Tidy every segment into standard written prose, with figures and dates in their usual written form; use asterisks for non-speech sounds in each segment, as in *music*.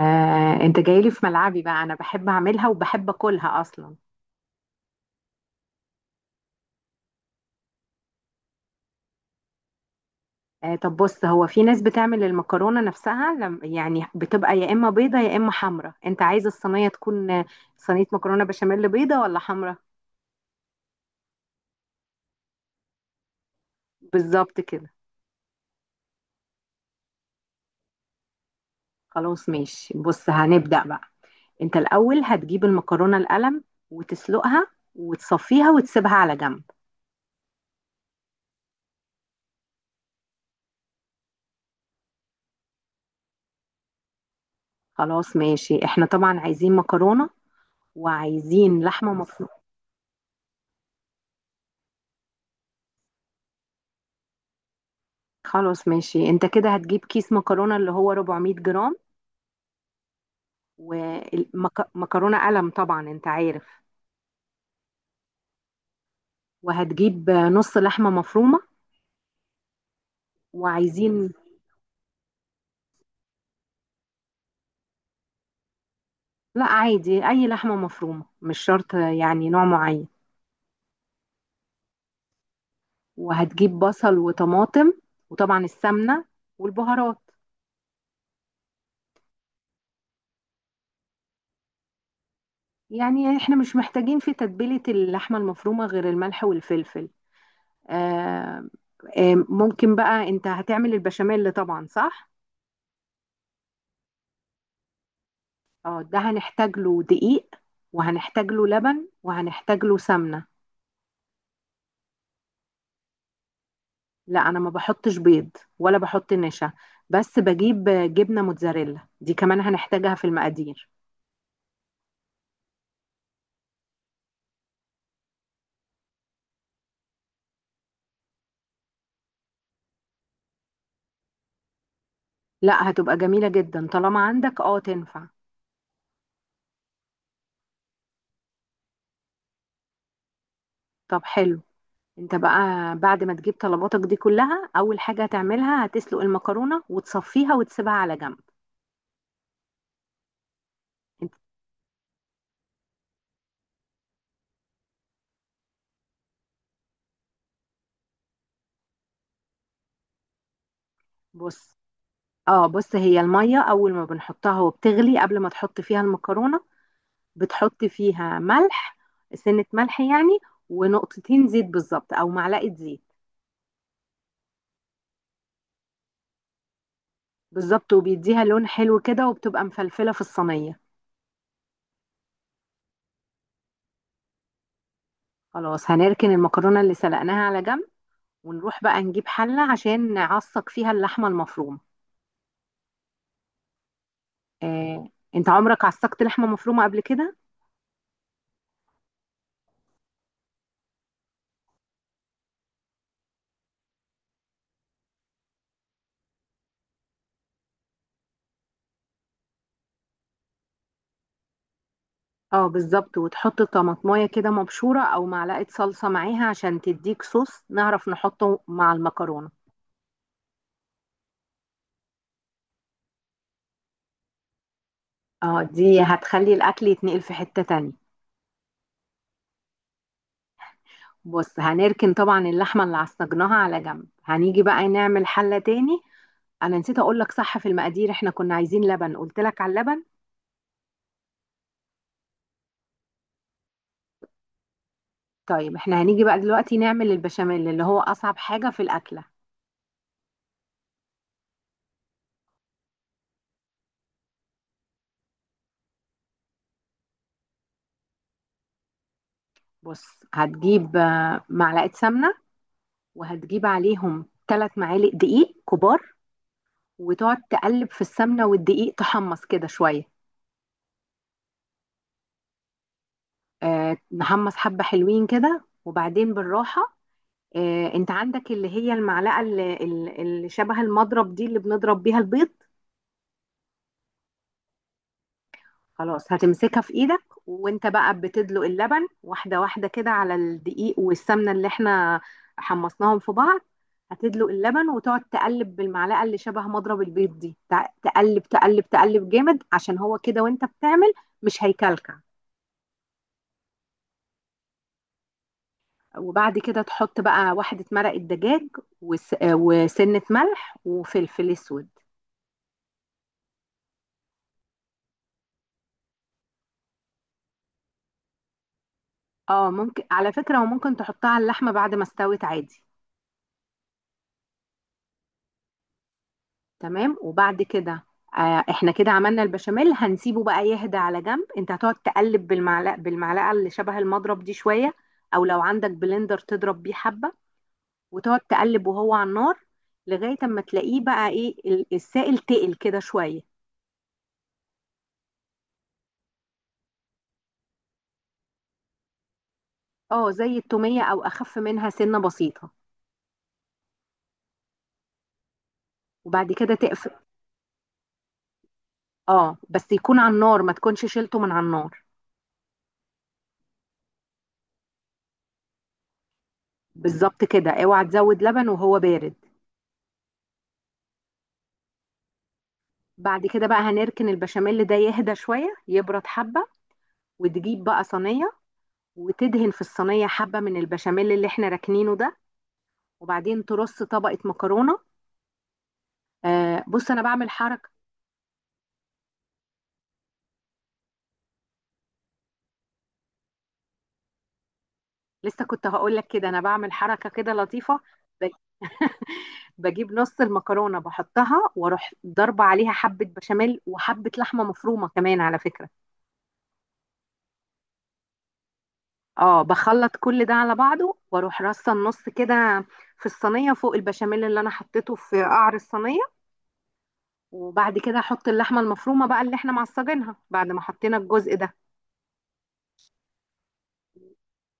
انت جايلي في ملعبي بقى، انا بحب اعملها وبحب اكلها اصلا. طب بص، هو في ناس بتعمل المكرونة نفسها لم يعني، بتبقى يا اما بيضة يا اما حمرا. انت عايز الصينية تكون صينية مكرونة بشاميل بيضة ولا حمرا؟ بالظبط كده. خلاص ماشي، بص هنبدأ بقى. انت الاول هتجيب المكرونة القلم وتسلقها وتصفيها وتسيبها على جنب. خلاص ماشي، احنا طبعا عايزين مكرونة وعايزين لحمة مفرومة. خلاص ماشي، انت كده هتجيب كيس مكرونة اللي هو 400 جرام، ومكرونة قلم طبعا انت عارف، وهتجيب نص لحمة مفرومة وعايزين. لا عادي، اي لحمة مفرومة مش شرط يعني نوع معين. وهتجيب بصل وطماطم، وطبعا السمنة والبهارات. يعني احنا مش محتاجين في تتبيلة اللحمة المفرومة غير الملح والفلفل. آه. آه، ممكن بقى، انت هتعمل البشاميل طبعا صح؟ اه، ده هنحتاج له دقيق وهنحتاج له لبن وهنحتاج له سمنة. لا انا ما بحطش بيض ولا بحط نشا. بس بجيب جبنة موتزاريلا دي كمان هنحتاجها في المقادير. لا هتبقى جميلة جدا، طالما عندك تنفع. طب حلو. انت بقى بعد ما تجيب طلباتك دي كلها، اول حاجة هتعملها هتسلق المكرونة وتصفيها وتسيبها على جنب. انت، بص. اه بص، هي المية اول ما بنحطها وبتغلي قبل ما تحط فيها المكرونة بتحط فيها ملح. سنة ملح يعني. ونقطتين زيت بالظبط، او معلقة زيت. بالظبط، وبيديها لون حلو كده وبتبقى مفلفلة في الصينية. خلاص هنركن المكرونة اللي سلقناها على جنب. ونروح بقى نجيب حلة عشان نعصق فيها اللحمة المفرومة. آه، انت عمرك عصقت لحمة مفرومة قبل كده؟ اه بالظبط، وتحط طماطمايه كده مبشورة او معلقة صلصة معاها عشان تديك صوص نعرف نحطه مع المكرونة. اه دي هتخلي الاكل يتنقل في حتة تانية. بص هنركن طبعا اللحمة اللي عصجناها على جنب، هنيجي بقى نعمل حلة تاني. انا نسيت اقول لك صح في المقادير، احنا كنا عايزين لبن، قلت لك على اللبن. طيب احنا هنيجي بقى دلوقتي نعمل البشاميل اللي هو اصعب حاجة في الاكلة. بص هتجيب معلقة سمنة. وهتجيب عليهم 3 معالق دقيق كبار. وتقعد تقلب في السمنة والدقيق تحمص كده شوية. نحمص حبة حلوين كده، وبعدين بالراحة. انت عندك اللي هي المعلقه اللي شبه المضرب دي، اللي بنضرب بيها البيض. خلاص هتمسكها في ايدك، وانت بقى بتدلق اللبن واحده واحده كده على الدقيق والسمنه اللي احنا حمصناهم في بعض. هتدلق اللبن وتقعد تقلب بالمعلقه اللي شبه مضرب البيض دي، تقلب تقلب تقلب جامد، عشان هو كده وانت بتعمل مش هيكلكع. وبعد كده تحط بقى واحده مرق الدجاج، وسنه ملح وفلفل اسود. اه ممكن على فكرة، وممكن تحطها على اللحمة بعد ما استوت عادي. تمام، وبعد كده احنا كده عملنا البشاميل. هنسيبه بقى يهدى على جنب، انت هتقعد تقلب بالمعلقة اللي شبه المضرب دي شوية، او لو عندك بلندر تضرب بيه حبة. وتقعد تقلب وهو على النار، لغاية اما تلاقيه بقى ايه، السائل تقل كده شوية. اه زي التومية او اخف منها سنة بسيطة. وبعد كده تقفل. اه بس يكون على النار، ما تكونش شيلته من على النار. بالظبط كده، اوعى تزود لبن وهو بارد. بعد كده بقى هنركن البشاميل ده يهدى شوية يبرد حبة. وتجيب بقى صينية، وتدهن في الصينية حبة من البشاميل اللي احنا راكنينه ده. وبعدين ترص طبقة مكرونة. بص انا بعمل حركة. لسه كنت هقول لك كده، انا بعمل حركة كده لطيفة. ب- *laughs* بجيب نص المكرونة بحطها، واروح ضربة عليها حبة بشاميل وحبة لحمة مفرومة كمان على فكرة. اه بخلط كل ده على بعضه واروح رصة النص كده في الصينية فوق البشاميل اللي انا حطيته في قعر الصينية. وبعد كده احط اللحمه المفرومه بقى اللي احنا معصجينها، بعد ما حطينا الجزء ده.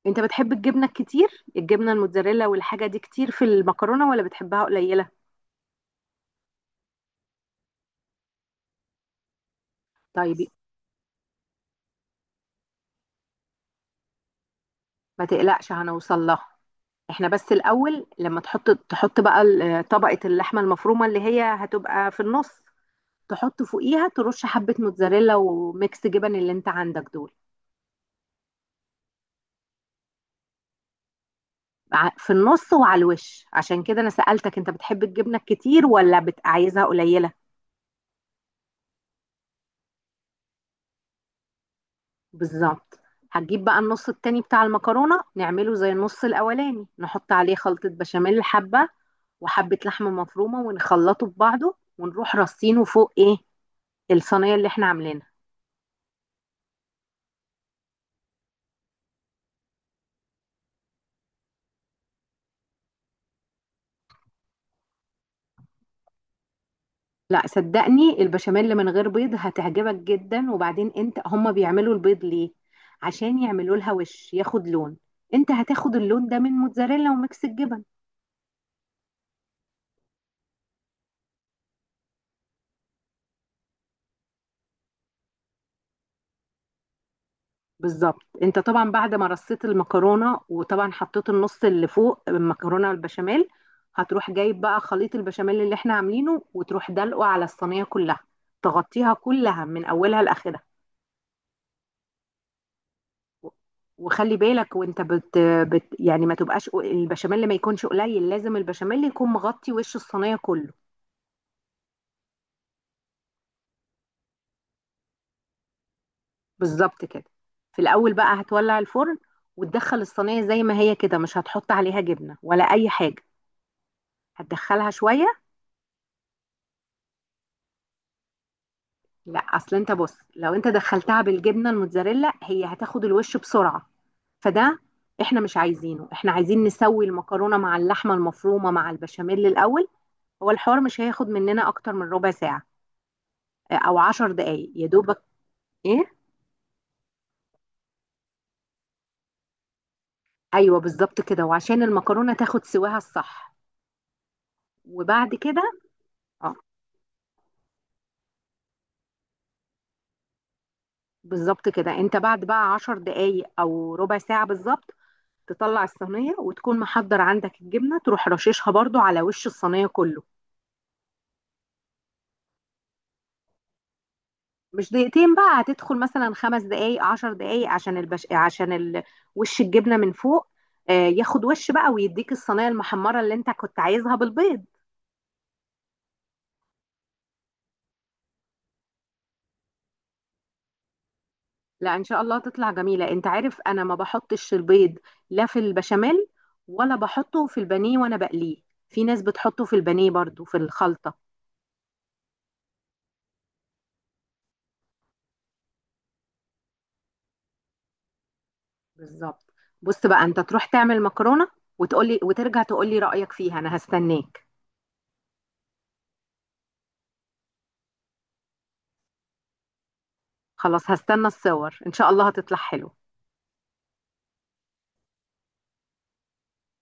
انت بتحب الجبنه الكتير، الجبنه الموتزاريلا والحاجه دي كتير في المكرونه، ولا بتحبها قليله؟ طيب ما تقلقش، هنوصل لها. احنا بس الاول لما تحط بقى طبقه اللحمه المفرومه اللي هي هتبقى في النص، تحط فوقيها ترش حبه موتزاريلا وميكس جبن اللي انت عندك دول. في النص وعلى الوش، عشان كده انا سألتك انت بتحب الجبنه الكتير ولا عايزها قليله. بالظبط. هتجيب بقى النص التاني بتاع المكرونة نعمله زي النص الأولاني، نحط عليه خلطة بشاميل حبة وحبة لحمة مفرومة، ونخلطه ببعضه ونروح رصينه فوق ايه، الصينية اللي احنا عاملينها. لا صدقني البشاميل من غير بيض هتعجبك جدا. وبعدين انت، هما بيعملوا البيض ليه؟ عشان يعملوا لها وش ياخد لون. انت هتاخد اللون ده من موتزاريلا وميكس الجبن. بالظبط، انت طبعا بعد ما رصيت المكرونه وطبعا حطيت النص اللي فوق المكرونه والبشاميل، هتروح جايب بقى خليط البشاميل اللي احنا عاملينه وتروح دلقه على الصينيه كلها، تغطيها كلها من اولها لاخرها. وخلي بالك وانت بت, بت يعني ما تبقاش البشاميل ما يكونش قليل، لازم البشاميل يكون مغطي وش الصينيه كله. بالظبط كده. في الاول بقى هتولع الفرن وتدخل الصينيه زي ما هي كده، مش هتحط عليها جبنه ولا اي حاجه، هتدخلها شويه. لا اصل انت بص، لو انت دخلتها بالجبنه الموتزاريلا هي هتاخد الوش بسرعه، فده احنا مش عايزينه، احنا عايزين نسوي المكرونه مع اللحمه المفرومه مع البشاميل الاول. هو الحوار مش هياخد مننا اكتر من ربع ساعه، او 10 دقايق يا دوبك. ايه. ايوه بالظبط كده، وعشان المكرونه تاخد سواها الصح. وبعد كده اه بالظبط كده، انت بعد بقى 10 دقايق او ربع ساعه بالظبط تطلع الصينيه، وتكون محضر عندك الجبنه تروح رششها برضو على وش الصينيه كله. مش دقيقتين بقى، هتدخل مثلا 5 دقايق 10 دقايق عشان وش الجبنه من فوق، ياخد وش بقى، ويديك الصينيه المحمره اللي انت كنت عايزها بالبيض. لا ان شاء الله تطلع جميله، انت عارف انا ما بحطش البيض، لا في البشاميل ولا بحطه في البانيه وانا بقليه. في ناس بتحطه في البانيه برضو في الخلطه. بالظبط. بص بقى انت تروح تعمل مكرونه وتقولي وترجع تقولي رايك فيها، انا هستناك. خلاص هستنى الصور، ان شاء الله هتطلع حلوه.